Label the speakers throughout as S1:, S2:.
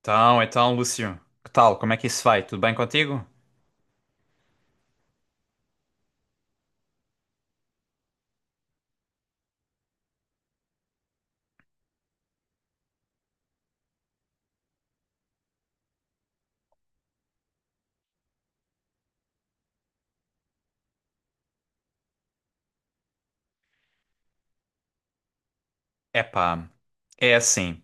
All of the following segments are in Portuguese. S1: Então, Lúcio, que tal? Como é que isso vai? Tudo bem contigo? Epá, é assim.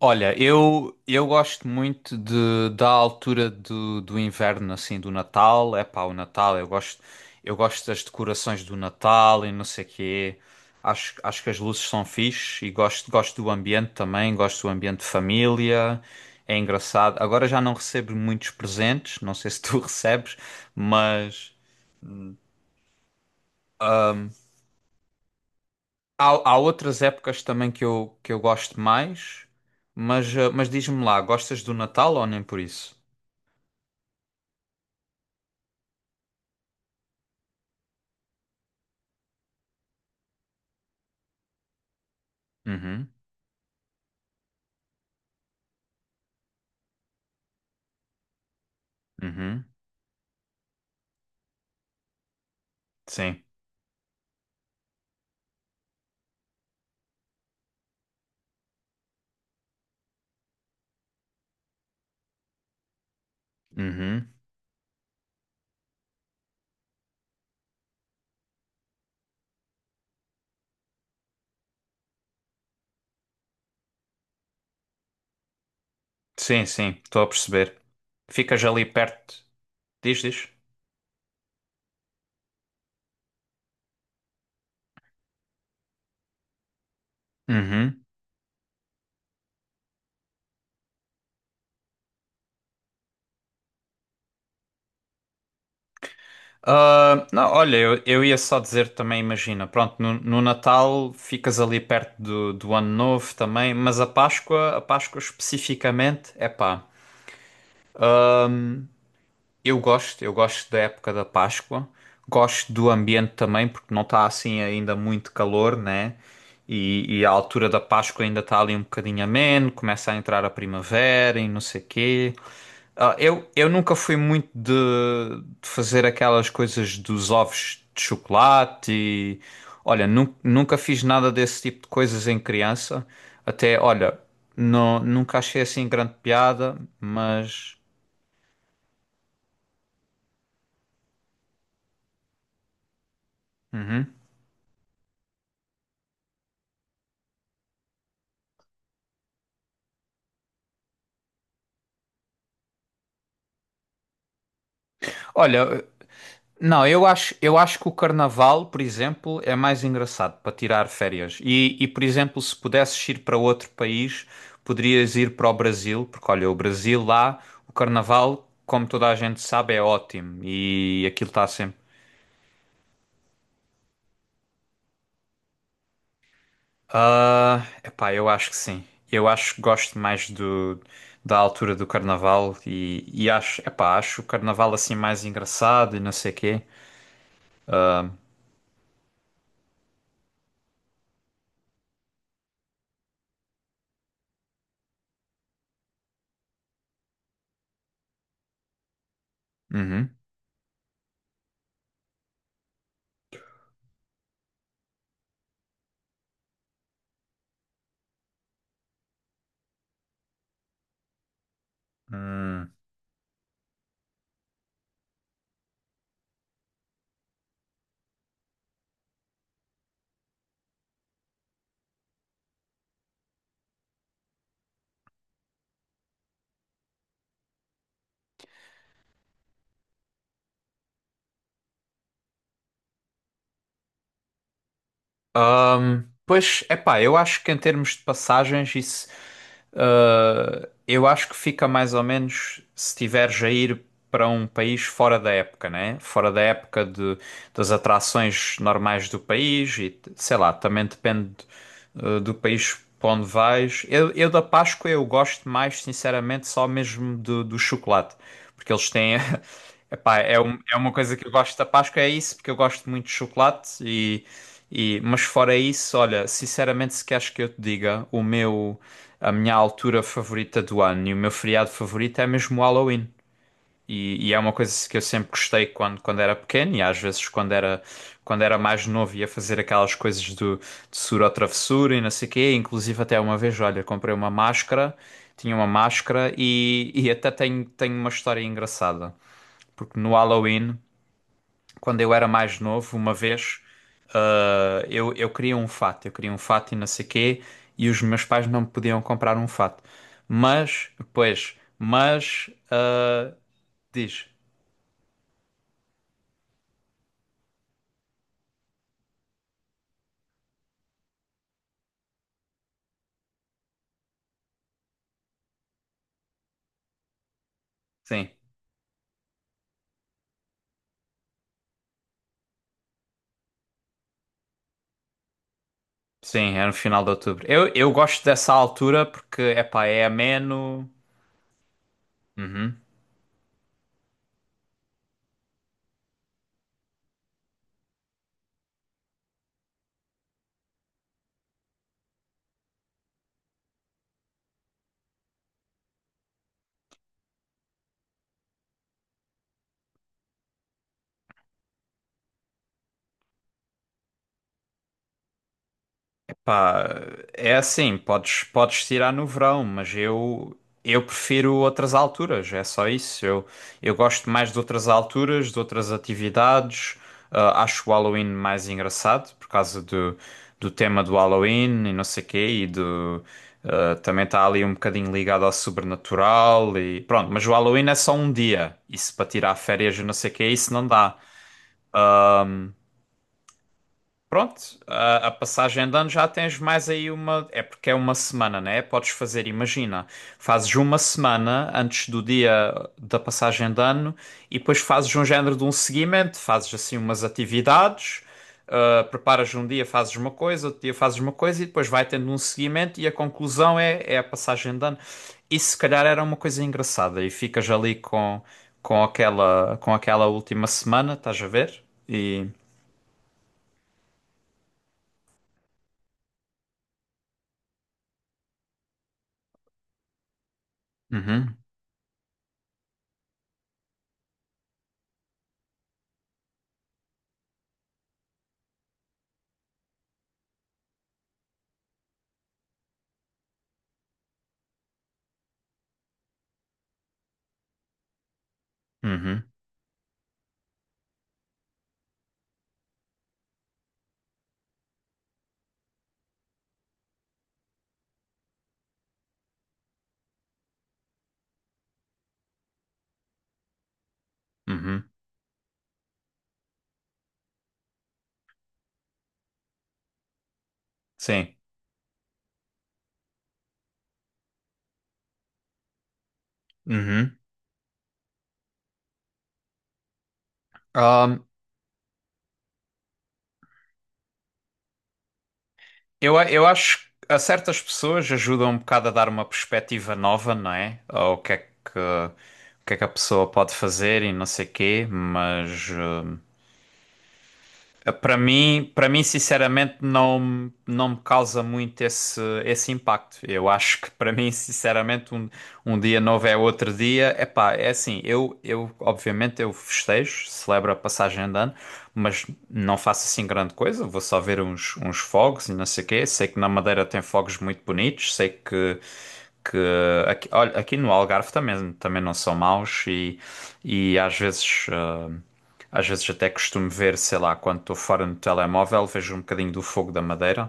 S1: Olha, eu gosto muito da altura do inverno, assim, do Natal. Epá, o Natal, eu gosto das decorações do Natal e não sei quê. Acho que as luzes são fixe e gosto do ambiente também, gosto do ambiente de família. É engraçado. Agora já não recebo muitos presentes, não sei se tu recebes, mas... Há outras épocas também que eu gosto mais, mas, mas diz-me lá, gostas do Natal ou nem por isso? Uhum, uhum, sim, uhum, sim, sim, estou a perceber. Ficas ali perto, diz. Uhum. Ah, não, olha, eu ia só dizer também, imagina, pronto, no Natal ficas ali perto do Ano Novo também, mas a Páscoa especificamente, é pá. Eu gosto da época da Páscoa, gosto do ambiente também, porque não está assim ainda muito calor, né? E a altura da Páscoa ainda está ali um bocadinho ameno, começa a entrar a primavera e não sei quê. Ah, eu nunca fui muito de fazer aquelas coisas dos ovos de chocolate e, olha, nunca fiz nada desse tipo de coisas em criança. Até, olha, não, nunca achei assim grande piada, mas. Uhum. Olha, não, eu acho que o carnaval, por exemplo, é mais engraçado para tirar férias. E, por exemplo, se pudesses ir para outro país, poderias ir para o Brasil, porque olha, o Brasil lá, o carnaval, como toda a gente sabe, é ótimo e aquilo está sempre. Ah, epá, eu acho que sim. Eu acho que gosto mais do, da altura do carnaval e acho, epá, acho o carnaval assim mais engraçado e não sei quê. Uhum. Hum. Pois, epá, eu acho que em termos de passagens, isso, ah, eu acho que fica mais ou menos se tiveres a ir para um país fora da época, né? Fora da época de, das atrações normais do país e, sei lá, também depende, do país para onde vais. Eu da Páscoa eu gosto mais, sinceramente, só mesmo do chocolate, porque eles têm... Epá, é, é uma coisa que eu gosto da Páscoa, é isso, porque eu gosto muito de chocolate e... E, mas fora isso, olha, sinceramente, se queres que eu te diga, a minha altura favorita do ano e o meu feriado favorito é mesmo o Halloween. E é uma coisa que eu sempre gostei quando era pequeno e às vezes quando era mais novo ia fazer aquelas coisas do, de sura ou travessura e não sei o quê. Inclusive até uma vez, olha, comprei uma máscara, tinha uma máscara e até tenho, tenho uma história engraçada. Porque no Halloween quando eu era mais novo, uma vez, eu queria um fato, eu queria um fato e não sei quê, e os meus pais não me podiam comprar um fato. Mas, pois, mas, diz, sim, sim, é no final de outubro. Eu gosto dessa altura porque, epá, é ameno. Uhum. Pá, é assim, podes tirar no verão, mas eu prefiro outras alturas, é só isso. Eu gosto mais de outras alturas, de outras atividades. Ah, acho o Halloween mais engraçado por causa do tema do Halloween e não sei quê, também está ali um bocadinho ligado ao sobrenatural e pronto, mas o Halloween é só um dia. Isso para tirar férias e não sei quê, isso não dá. Pronto, a passagem de ano já tens mais aí uma. É porque é uma semana, né? Podes fazer, imagina, fazes uma semana antes do dia da passagem de ano e depois fazes um género de um seguimento, fazes assim umas atividades, preparas um dia, fazes uma coisa, outro dia fazes uma coisa e depois vai tendo um seguimento e a conclusão é a passagem de ano. Isso se calhar era uma coisa engraçada e ficas ali com aquela última semana, estás a ver? E. Uhum, uhum. Uhum, sim. Uhum. Ahm, eu acho que a certas pessoas ajuda um bocado a dar uma perspectiva nova, não é? Ao que é que, o que é que a pessoa pode fazer e não sei quê, mas para mim, sinceramente, não me causa muito esse impacto. Eu acho que para mim, sinceramente, um dia novo é outro dia. Epá, é assim, eu obviamente eu festejo, celebro a passagem de ano, mas não faço assim grande coisa. Vou só ver uns fogos e não sei o quê. Sei que na Madeira tem fogos muito bonitos. Que aqui, olha, aqui no Algarve também, também não são maus e às vezes. Às vezes até costumo ver, sei lá, quando estou fora no telemóvel, vejo um bocadinho do fogo da Madeira.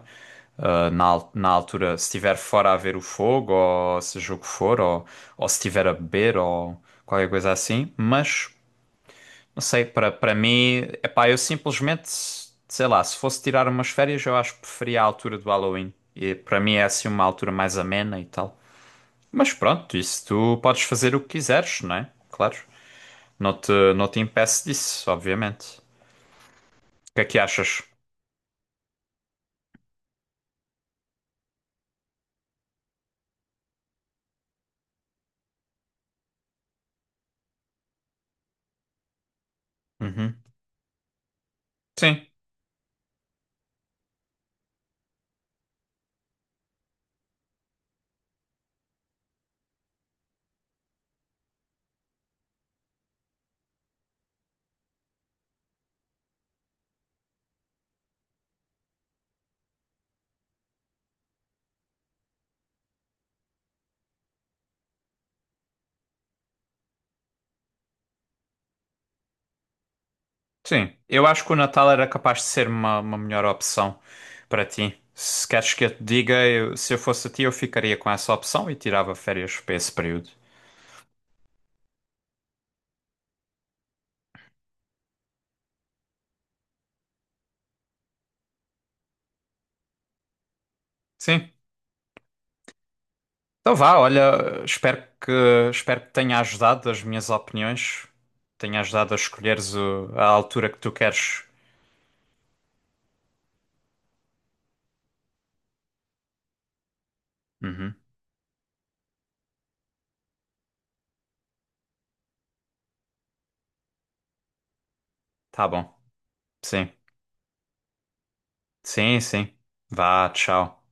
S1: Na altura, se estiver fora a ver o fogo, ou seja o que for, ou se estiver a beber, ou qualquer coisa assim. Mas não sei, para mim, epá, eu simplesmente, sei lá, se fosse tirar umas férias, eu acho que preferia a altura do Halloween. E para mim é assim uma altura mais amena e tal. Mas pronto, isso tu podes fazer o que quiseres, não é? Claro. Não te impeço disso, obviamente. O que é que achas? Uhum. Sim, sim. Eu acho que o Natal era capaz de ser uma melhor opção para ti. Se queres que eu te diga, se eu fosse a ti, eu ficaria com essa opção e tirava férias para esse período. Sim. Então vá, olha, espero que tenha ajudado as minhas opiniões, tenha ajudado a escolheres a altura que tu queres. Uhum, tá bom. Sim, sim, sim. Vá, tchau.